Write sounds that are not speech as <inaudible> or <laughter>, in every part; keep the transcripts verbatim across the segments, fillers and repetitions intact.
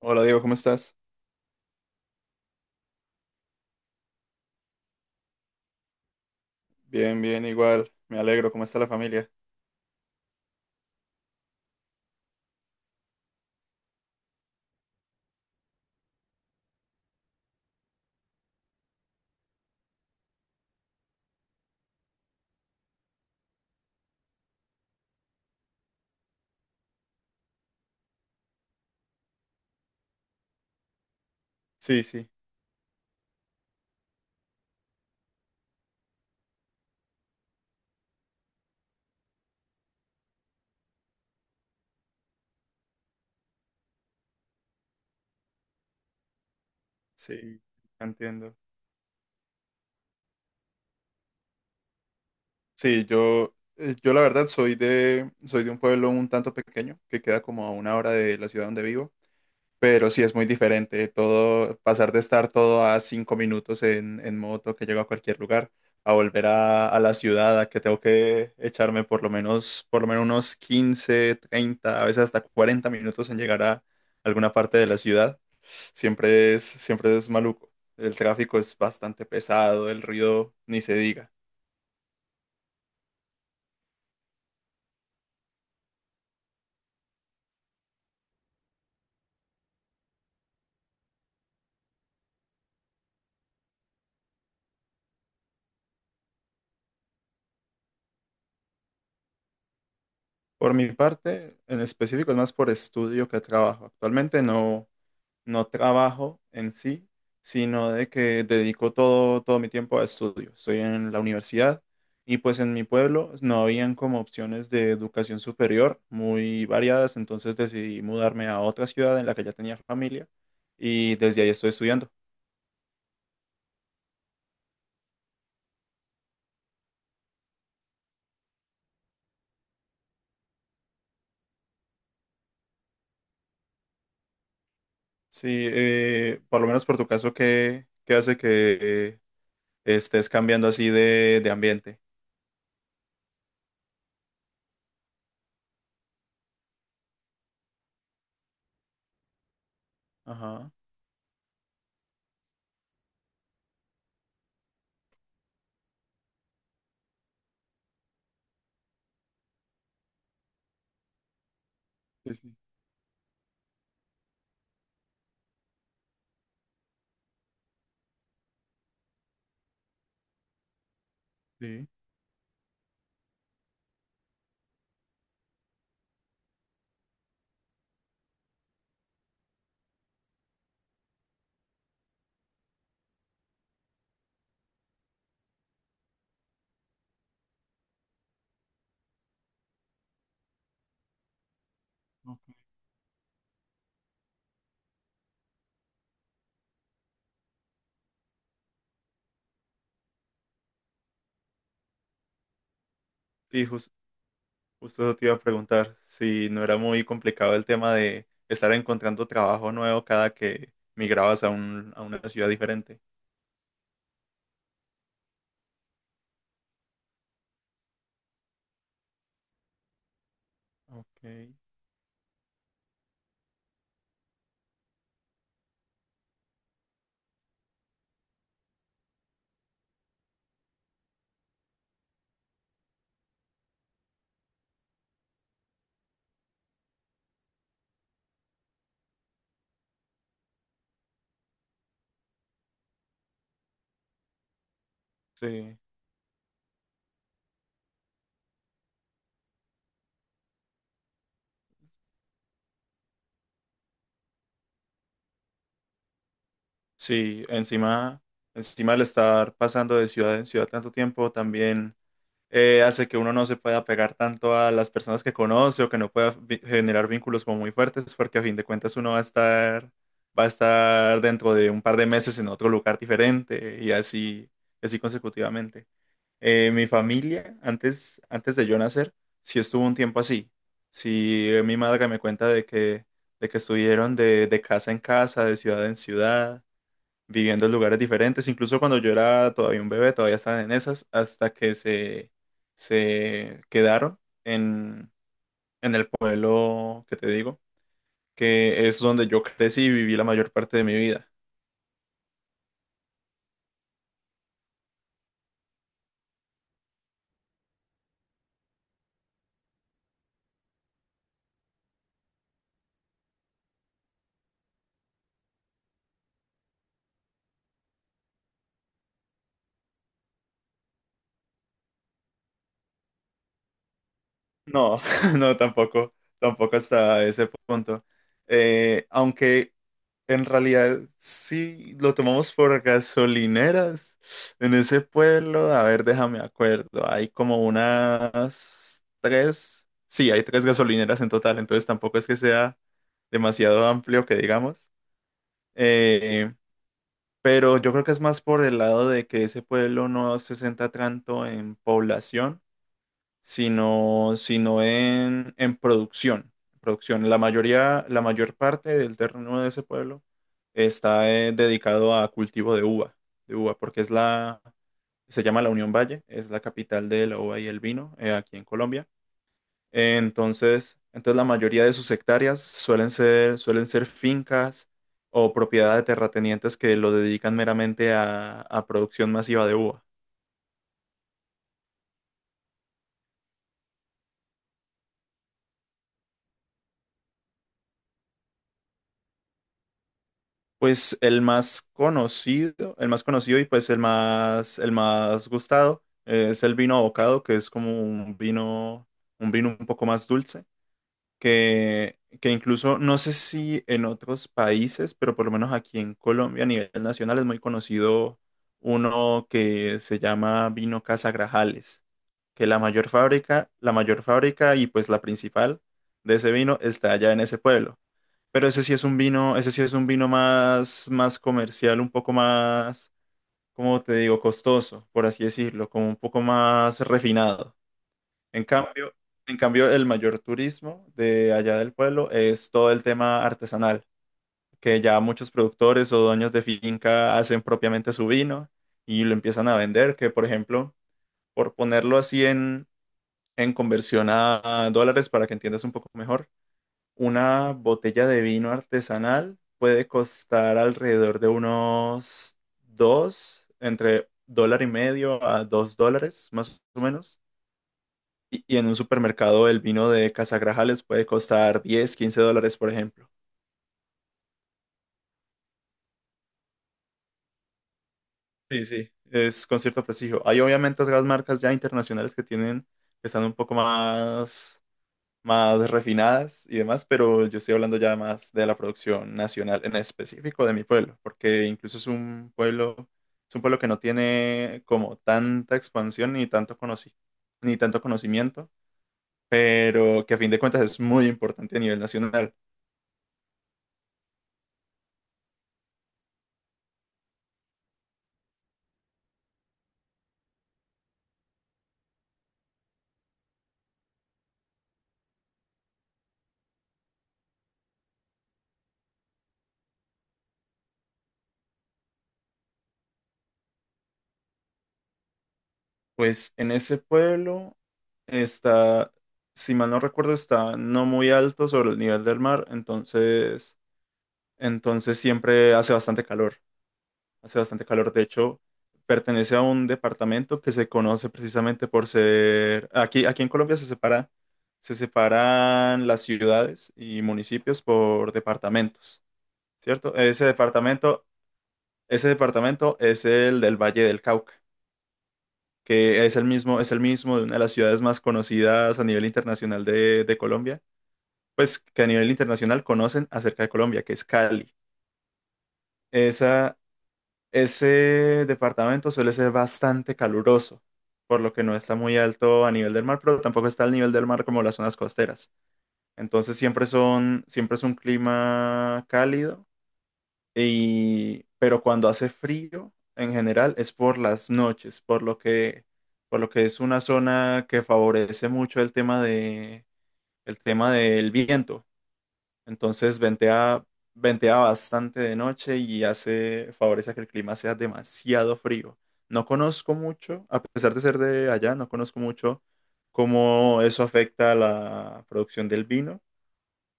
Hola Diego, ¿cómo estás? Bien, bien, igual. Me alegro. ¿Cómo está la familia? Sí, sí, sí, entiendo. Sí, yo, eh, yo la verdad soy de, soy de un pueblo un tanto pequeño que queda como a una hora de la ciudad donde vivo, pero sí es muy diferente todo, pasar de estar todo a cinco minutos en, en moto que llego a cualquier lugar, a volver a, a la ciudad, a que tengo que echarme por lo menos, por lo menos unos quince, treinta a veces hasta cuarenta minutos en llegar a alguna parte de la ciudad. Siempre es, siempre es maluco. El tráfico es bastante pesado, el ruido ni se diga. Por mi parte, en específico es más por estudio que trabajo. Actualmente no, no trabajo en sí, sino de que dedico todo, todo mi tiempo a estudio. Estoy en la universidad y pues en mi pueblo no habían como opciones de educación superior muy variadas, entonces decidí mudarme a otra ciudad en la que ya tenía familia y desde ahí estoy estudiando. Sí, eh, por lo menos por tu caso, ¿qué, qué hace que eh, estés cambiando así de, de ambiente? Ajá, sí, sí, sí. Sí, jus- justo eso te iba a preguntar, si no era muy complicado el tema de estar encontrando trabajo nuevo cada que migrabas a un, a una ciudad diferente. Okay, sí. Sí, encima, encima al estar pasando de ciudad en ciudad tanto tiempo, también eh, hace que uno no se pueda pegar tanto a las personas que conoce o que no pueda vi- generar vínculos como muy fuertes, porque a fin de cuentas uno va a estar, va a estar dentro de un par de meses en otro lugar diferente y así, así consecutivamente. Eh, mi familia, antes, antes de yo nacer, sí estuvo un tiempo así. Sí, eh, mi madre me cuenta de que, de que estuvieron de, de casa en casa, de ciudad en ciudad viviendo en lugares diferentes. Incluso cuando yo era todavía un bebé, todavía estaban en esas, hasta que se, se quedaron en, en el pueblo que te digo, que es donde yo crecí y viví la mayor parte de mi vida. No, <laughs> no, tampoco, tampoco hasta ese punto. Eh, aunque en realidad, sí, lo tomamos por gasolineras en ese pueblo. A ver, déjame acuerdo. Hay como unas tres. Sí, hay tres gasolineras en total, entonces tampoco es que sea demasiado amplio que digamos. Eh, pero yo creo que es más por el lado de que ese pueblo no se centra tanto en población sino, sino en, en producción. Producción. La mayoría, la mayor parte del terreno de ese pueblo está eh, dedicado a cultivo de uva, de uva, porque es la, se llama la Unión Valle, es la capital de la uva y el vino eh, aquí en Colombia. Entonces, entonces la mayoría de sus hectáreas suelen ser, suelen ser fincas o propiedad de terratenientes que lo dedican meramente a, a producción masiva de uva. Pues el más conocido, el más conocido y pues el más, el más gustado eh, es el vino abocado, que es como un vino, un vino un poco más dulce, que, que incluso no sé si en otros países, pero por lo menos aquí en Colombia a nivel nacional es muy conocido uno que se llama vino Casa Grajales, que la mayor fábrica, la mayor fábrica y pues la principal de ese vino está allá en ese pueblo. Pero ese sí es un vino, ese sí es un vino más, más comercial, un poco más, como te digo, costoso, por así decirlo, como un poco más refinado. En cambio, en cambio, el mayor turismo de allá del pueblo es todo el tema artesanal, que ya muchos productores o dueños de finca hacen propiamente su vino y lo empiezan a vender, que por ejemplo, por ponerlo así en, en conversión a a dólares para que entiendas un poco mejor. Una botella de vino artesanal puede costar alrededor de unos dos, entre dólar y medio a dos dólares, más o menos. Y, y en un supermercado el vino de Casagrajales puede costar diez quince dólares, por ejemplo. Sí, sí, es con cierto prestigio. Hay obviamente otras marcas ya internacionales que tienen, que están un poco más más refinadas y demás, pero yo estoy hablando ya más de la producción nacional, en específico de mi pueblo, porque incluso es un pueblo, es un pueblo que no tiene como tanta expansión ni tanto conoci- ni tanto conocimiento, pero que a fin de cuentas es muy importante a nivel nacional. Pues en ese pueblo está, si mal no recuerdo, está no muy alto sobre el nivel del mar, entonces, entonces siempre hace bastante calor. Hace bastante calor, de hecho, pertenece a un departamento que se conoce precisamente por ser, aquí, aquí en Colombia se separa, se separan las ciudades y municipios por departamentos, ¿cierto? Ese departamento, ese departamento es el del Valle del Cauca, que es el mismo, es el mismo de una de las ciudades más conocidas a nivel internacional de, de Colombia, pues que a nivel internacional conocen acerca de Colombia, que es Cali. Esa, Ese departamento suele ser bastante caluroso, por lo que no está muy alto a nivel del mar, pero tampoco está al nivel del mar como las zonas costeras. Entonces siempre son, siempre es un clima cálido y, pero cuando hace frío, en general es por las noches, por lo que, por lo que es una zona que favorece mucho el tema de, el tema del viento. Entonces ventea, ventea bastante de noche y hace, favorece a que el clima sea demasiado frío. No conozco mucho, a pesar de ser de allá, no conozco mucho cómo eso afecta a la producción del vino,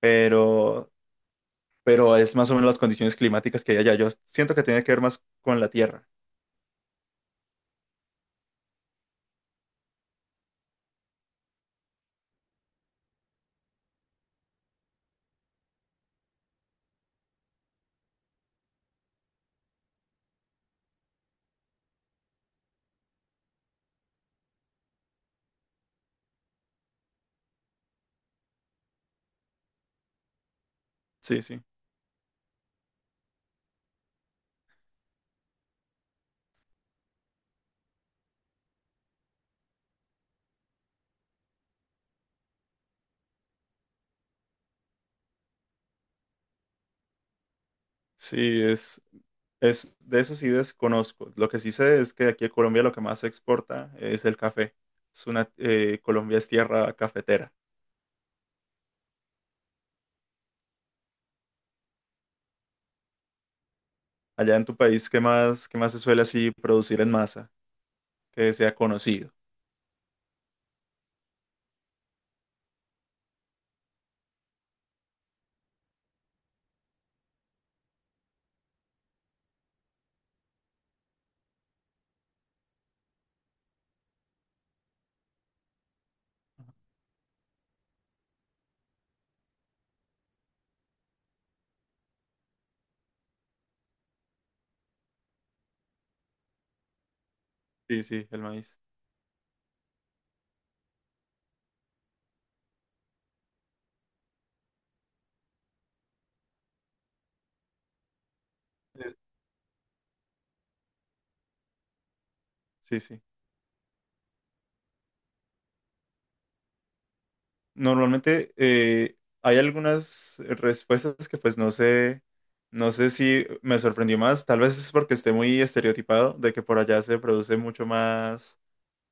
pero, pero es más o menos las condiciones climáticas que hay allá. Yo siento que tiene que ver más con la tierra. Sí, sí. Sí, es, es, de eso sí desconozco. Lo que sí sé es que aquí en Colombia lo que más se exporta es el café. Es una, eh, Colombia es tierra cafetera. Allá en tu país, ¿qué más, qué más se suele así producir en masa que sea conocido? Sí, sí, el maíz. Es- Sí, sí. Normalmente eh, hay algunas respuestas que pues no sé, no sé si me sorprendió más. Tal vez es porque esté muy estereotipado de que por allá se produce mucho más,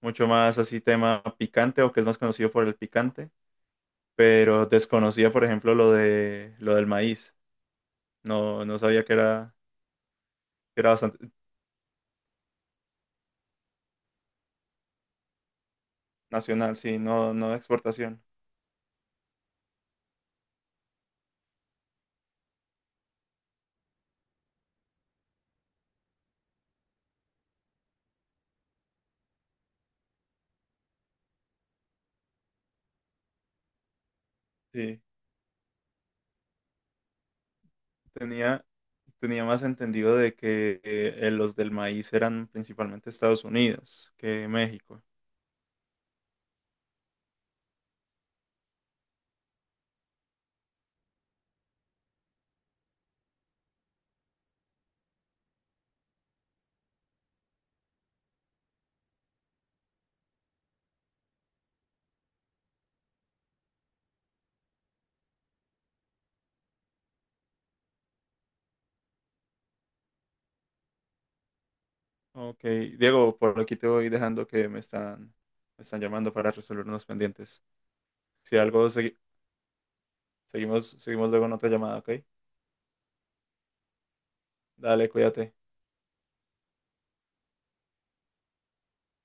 mucho más así tema picante o que es más conocido por el picante, pero desconocía, por ejemplo, lo de, lo del maíz. No, no sabía que era, que era bastante nacional, sí, no, no de exportación. Sí. Tenía, tenía más entendido de que eh, los del maíz eran principalmente Estados Unidos que México. Ok, Diego, por aquí te voy dejando que me están, me están llamando para resolver unos pendientes. Si algo, segui- seguimos, seguimos luego en otra llamada, ¿ok? Dale, cuídate.